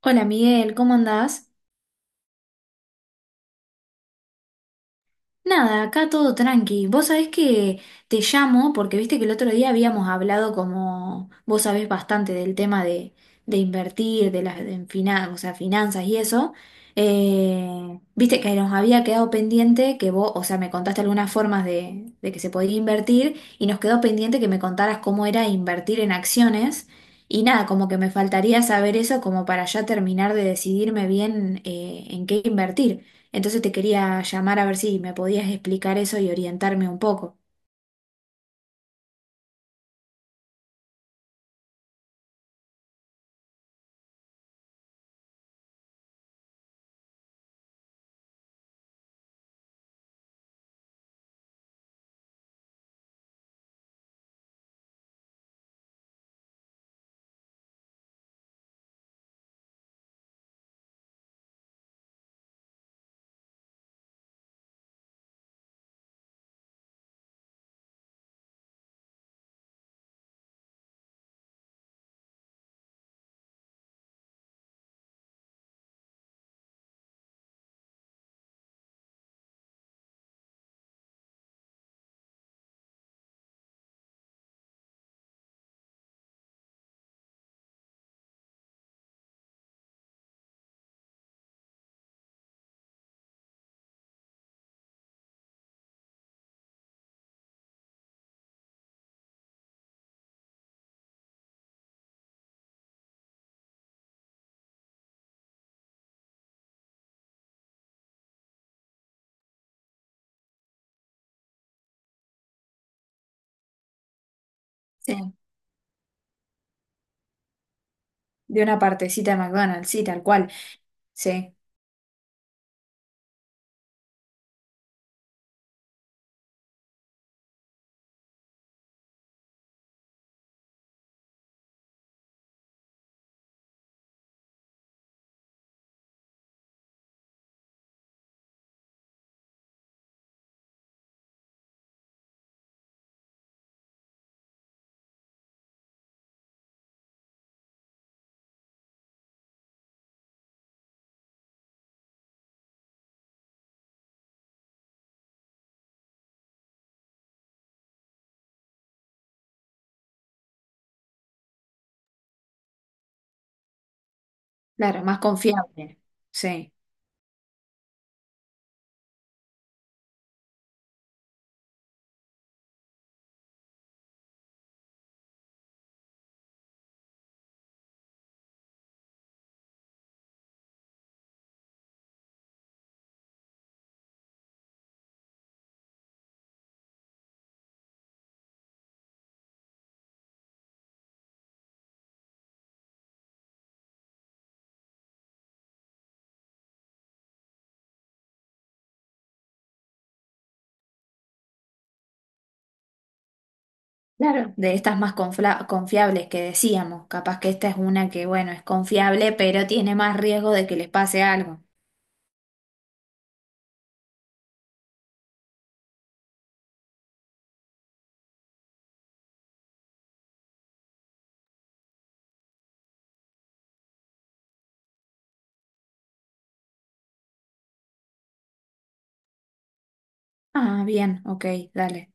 Hola Miguel, ¿cómo andás? Nada, acá todo tranqui. Vos sabés que te llamo porque viste que el otro día habíamos hablado como vos sabés bastante del tema de invertir, de las de finan- o sea, finanzas y eso. Viste que nos había quedado pendiente que vos, o sea, me contaste algunas formas de que se podía invertir y nos quedó pendiente que me contaras cómo era invertir en acciones. Y nada, como que me faltaría saber eso como para ya terminar de decidirme bien en qué invertir. Entonces te quería llamar a ver si me podías explicar eso y orientarme un poco. Sí. De una partecita de McDonald's, sí, tal cual. Sí, claro, más confiable. Sí, claro, de estas más confiables que decíamos. Capaz que esta es una que, bueno, es confiable, pero tiene más riesgo de que les pase algo. Ah, bien, ok, dale.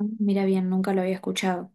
Ah, mira, bien, nunca lo había escuchado.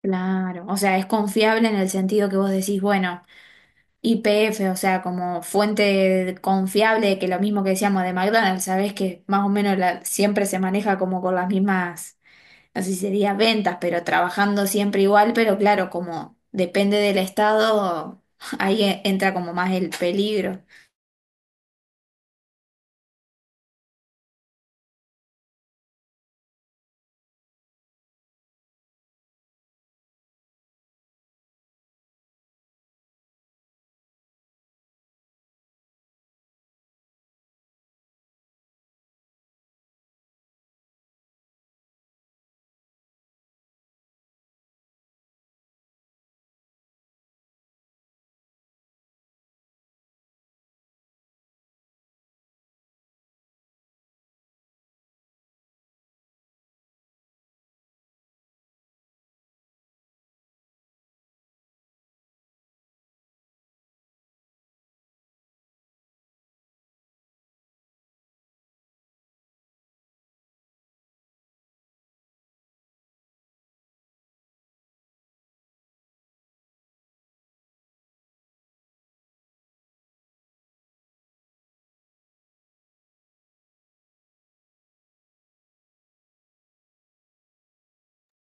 Claro, o sea, es confiable en el sentido que vos decís, bueno. YPF, o sea, como fuente confiable, que lo mismo que decíamos de McDonald's, sabes que más o menos siempre se maneja como con las mismas, no sé si sería ventas, pero trabajando siempre igual, pero claro, como depende del estado, ahí entra como más el peligro.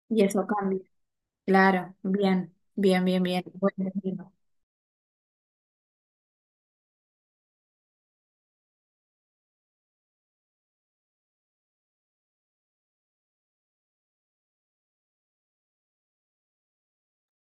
Y eso cambia. Claro, bien, bien, bien, bien. Bueno, bien.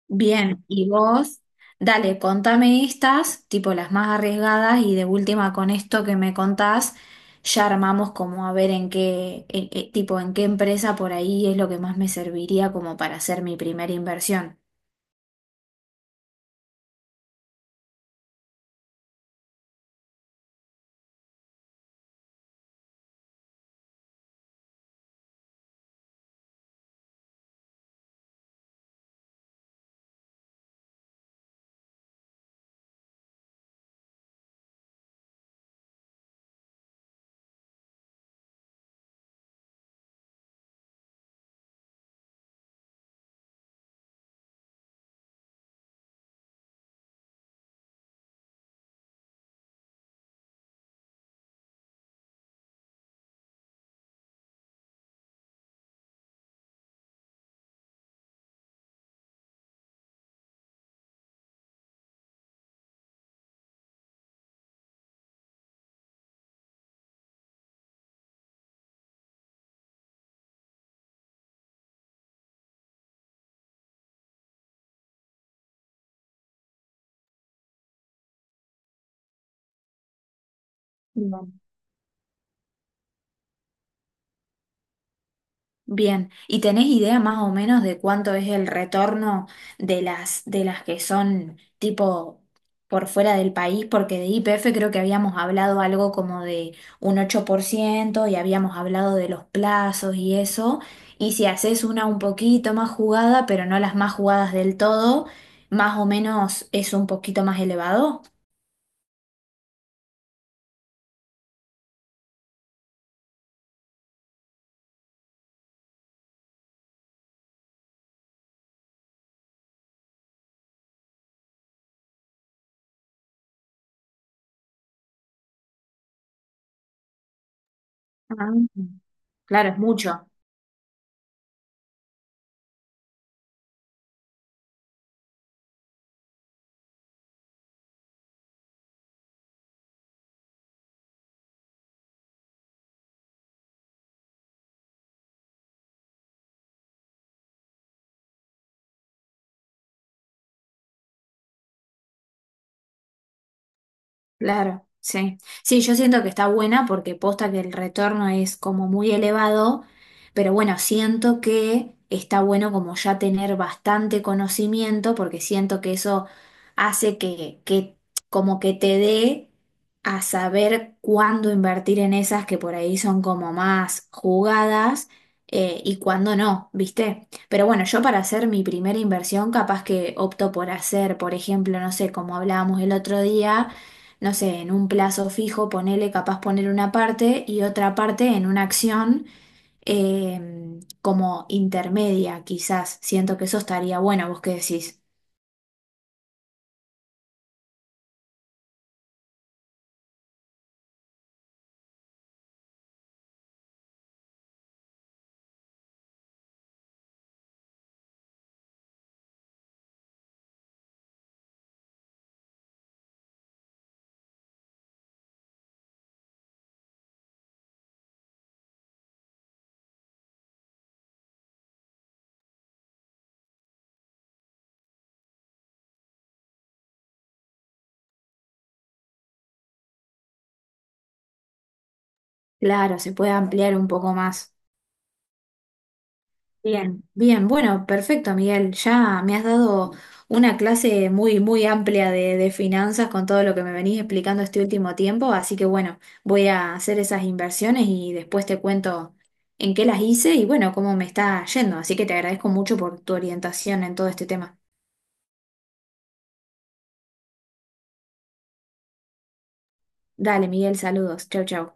Bien, y vos, dale, contame estas, tipo las más arriesgadas, y de última con esto que me contás, ya armamos como a ver en qué, tipo en qué empresa por ahí es lo que más me serviría como para hacer mi primera inversión. Bien, ¿y tenés idea más o menos de cuánto es el retorno de las que son tipo por fuera del país? Porque de IPF creo que habíamos hablado algo como de un 8%, y habíamos hablado de los plazos y eso. Y si haces una un poquito más jugada, pero no las más jugadas del todo, más o menos es un poquito más elevado. Ah, claro, es mucho. Claro, sí. Sí, yo siento que está buena porque posta que el retorno es como muy elevado, pero bueno, siento que está bueno como ya tener bastante conocimiento porque siento que eso hace que como que te dé a saber cuándo invertir en esas que por ahí son como más jugadas y cuándo no, ¿viste? Pero bueno, yo para hacer mi primera inversión capaz que opto por hacer, por ejemplo, no sé, como hablábamos el otro día, no sé, en un plazo fijo, ponele, capaz poner una parte y otra parte en una acción como intermedia, quizás. Siento que eso estaría bueno, vos qué decís. Claro, se puede ampliar un poco más. Bien, bien, bueno, perfecto, Miguel. Ya me has dado una clase muy, muy amplia de finanzas con todo lo que me venís explicando este último tiempo, así que bueno, voy a hacer esas inversiones y después te cuento en qué las hice y bueno, cómo me está yendo. Así que te agradezco mucho por tu orientación en todo este tema. Dale, Miguel, saludos. Chau, chau.